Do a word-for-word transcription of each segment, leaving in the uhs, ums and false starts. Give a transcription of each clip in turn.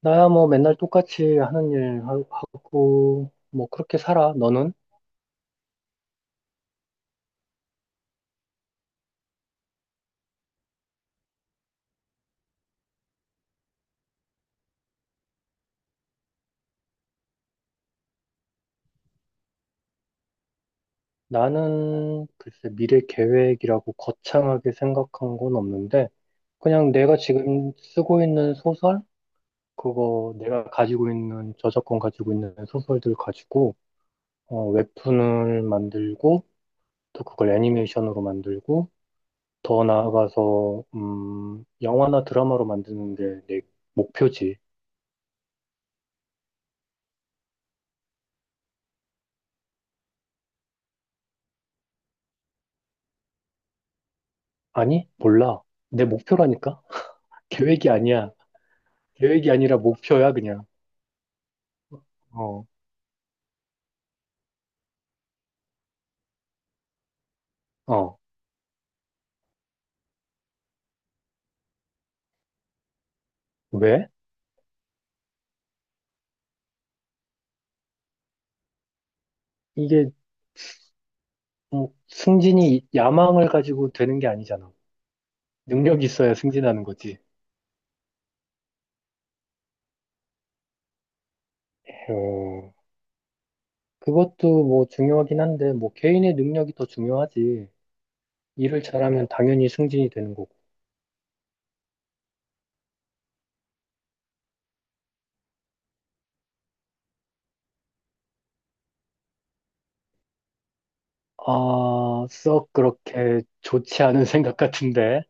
나야 뭐 맨날 똑같이 하는 일 하- 하고, 뭐 그렇게 살아, 너는? 나는 글쎄 미래 계획이라고 거창하게 생각한 건 없는데, 그냥 내가 지금 쓰고 있는 소설? 그거 내가 가지고 있는, 저작권 가지고 있는 소설들 가지고, 어, 웹툰을 만들고, 또 그걸 애니메이션으로 만들고, 더 나아가서, 음, 영화나 드라마로 만드는 게 내 목표지. 아니? 몰라. 내 목표라니까? 계획이 아니야. 계획이 아니라 목표야, 그냥. 어, 어. 왜? 이게 뭐 승진이 야망을 가지고 되는 게 아니잖아. 능력이 있어야 승진하는 거지. 어, 그것도 뭐 중요하긴 한데, 뭐 개인의 능력이 더 중요하지. 일을 잘하면 당연히 승진이 되는 거고. 아, 썩 그렇게 좋지 않은 생각 같은데.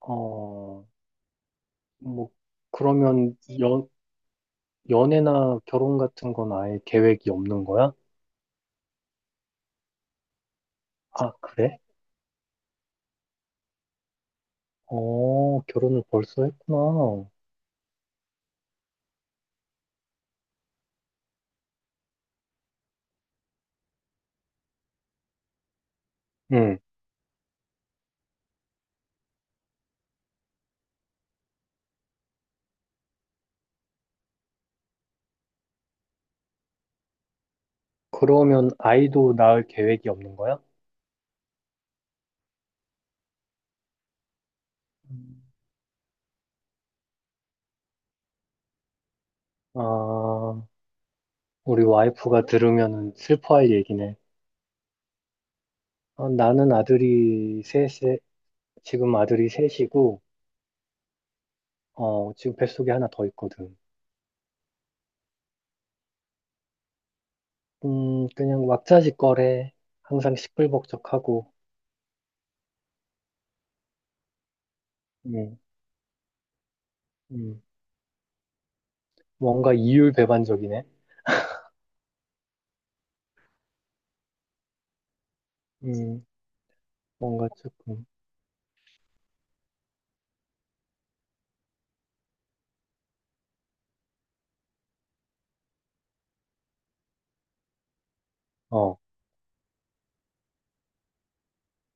어, 뭐, 그러면 연, 연애나 결혼 같은 건 아예 계획이 없는 거야? 아, 그래? 어, 결혼을 벌써 했구나. 응. 그러면 아이도 낳을 계획이 없는 거야? 음. 아, 우리 와이프가 들으면은 슬퍼할 얘기네. 아, 나는 아들이 셋에, 지금 아들이 셋이고, 어, 지금 뱃속에 하나 더 있거든. 음, 그냥 왁자지껄해. 항상 시끌벅적하고, 음, 음, 뭔가 이율배반적이네. 음, 뭔가 조금, 어,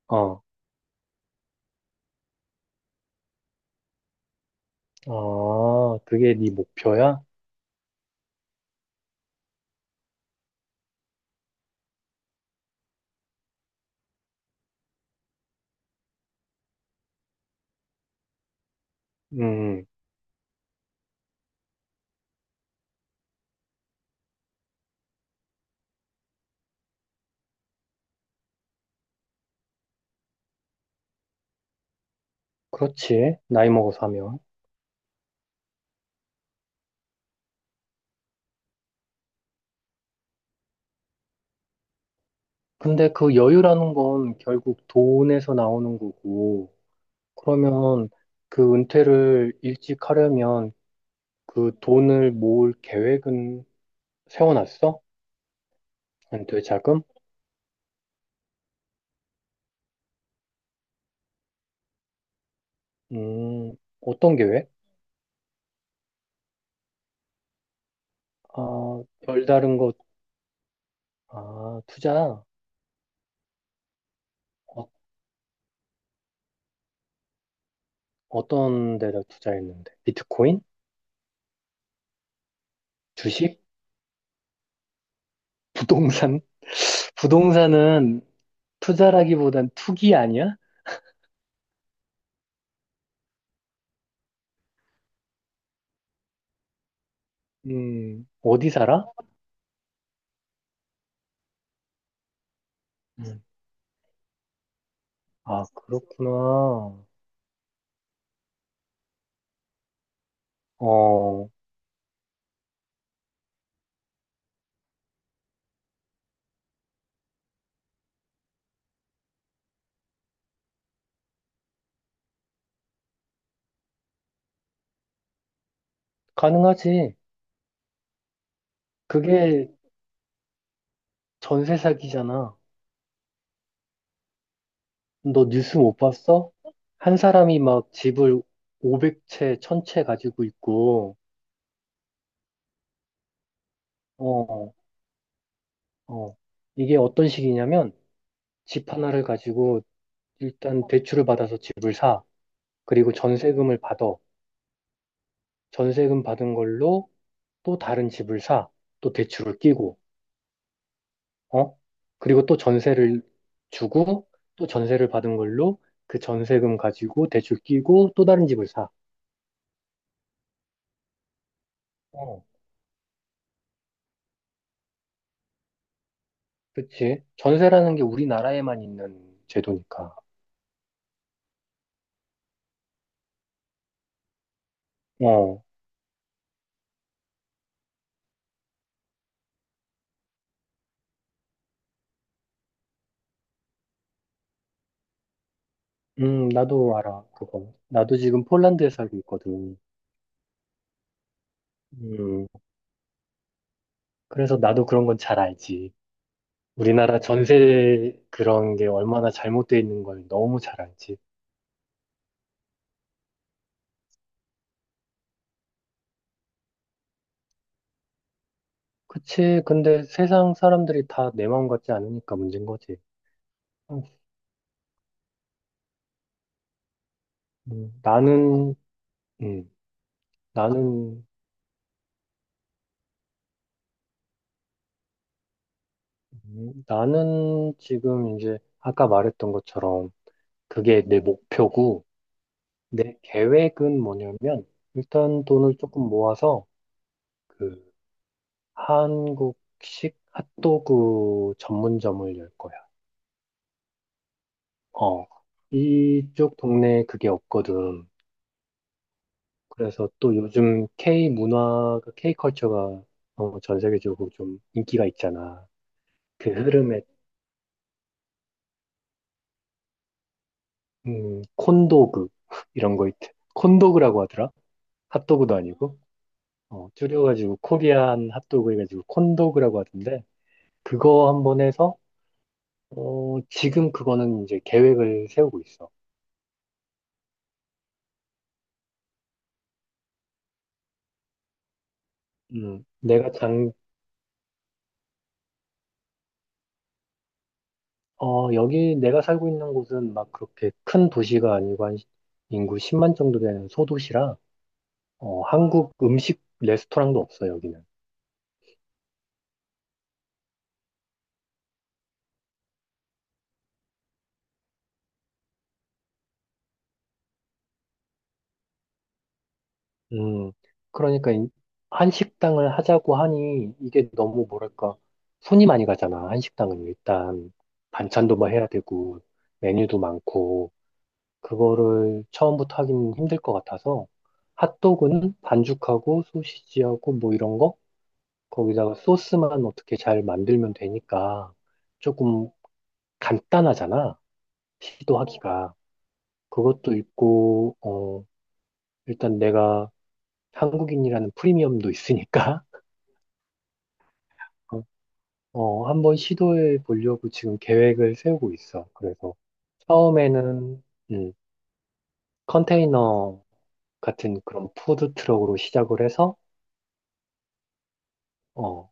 어, 아, 그게 네 목표야? 음, 그렇지. 나이 먹어서 하면. 근데 그 여유라는 건 결국 돈에서 나오는 거고, 그러면 그 은퇴를 일찍 하려면 그 돈을 모을 계획은 세워놨어? 은퇴 자금? 음, 어떤 계획? 아, 별다른 것, 아, 투자? 어, 어떤 데다 투자했는데? 비트코인? 주식? 부동산? 부동산은 투자라기보단 투기 아니야? 음, 어디 살아? 음, 아, 그렇구나. 어, 가능하지. 그게 전세 사기잖아. 너 뉴스 못 봤어? 한 사람이 막 집을 오백 채, 천 채 가지고 있고, 어, 어. 이게 어떤 식이냐면, 집 하나를 가지고 일단 대출을 받아서 집을 사. 그리고 전세금을 받아. 전세금 받은 걸로 또 다른 집을 사. 또 대출을 끼고. 어? 그리고 또 전세를 주고 또 전세를 받은 걸로 그 전세금 가지고 대출 끼고 또 다른 집을 사. 어. 그치? 전세라는 게 우리나라에만 있는 제도니까. 어. 음, 나도 알아, 그거. 나도 지금 폴란드에 살고 있거든. 음, 그래서 나도 그런 건 잘 알지. 우리나라 전세 그런 게 얼마나 잘못돼 있는 걸 너무 잘 알지. 그치. 근데 세상 사람들이 다 내 마음 같지 않으니까 문제인 거지. 음, 나는, 음, 나는, 음, 나는 지금 이제 아까 말했던 것처럼 그게 내 목표고 내 계획은 뭐냐면 일단 돈을 조금 모아서 그 한국식 핫도그 전문점을 열 거야. 어, 이쪽 동네에 그게 없거든. 그래서 또 요즘 K 문화가, K 컬처가 어, 전 세계적으로 좀 인기가 있잖아. 그 흐름에, 음, 콘도그, 이런 거 있, 콘도그라고 하더라. 핫도그도 아니고, 어, 줄여가지고 코리안 핫도그 해가지고 콘도그라고 하던데, 그거 한번 해서, 어, 지금 그거는 이제 계획을 세우고 있어. 음, 내가 장, 어, 여기 내가 살고 있는 곳은 막 그렇게 큰 도시가 아니고 한 시- 인구 십만 정도 되는 소도시라, 어, 한국 음식 레스토랑도 없어, 여기는. 음, 그러니까 이- 한식당을 하자고 하니 이게 너무 뭐랄까 손이 많이 가잖아. 한식당은 일단 반찬도 뭐 해야 되고 메뉴도 많고 그거를 처음부터 하긴 힘들 것 같아서 핫도그는 반죽하고 소시지하고 뭐 이런 거 거기다가 소스만 어떻게 잘 만들면 되니까 조금 간단하잖아. 시도하기가 그것도 있고 어 일단 내가 한국인이라는 프리미엄도 있으니까. 어, 한번 시도해 보려고 지금 계획을 세우고 있어. 그래서 처음에는 음, 컨테이너 같은 그런 푸드 트럭으로 시작을 해서 어,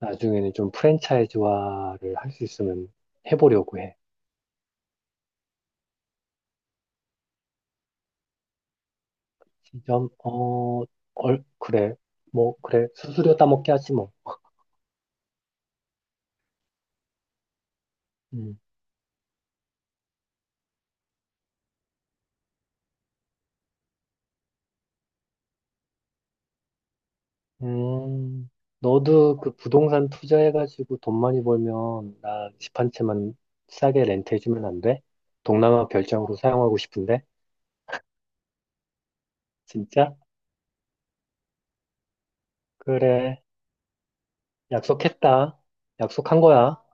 나중에는 좀 프랜차이즈화를 할 수 있으면 해보려고 해. 지점 어, 얼, 그래. 뭐 그래. 수수료 따먹게 하지 뭐. 음. 음, 너도 그 부동산 투자해가지고 돈 많이 벌면 나 집 한 채만 싸게 렌트해주면 안 돼? 동남아 별장으로 사용하고 싶은데. 진짜? 그래. 약속했다. 약속한 거야.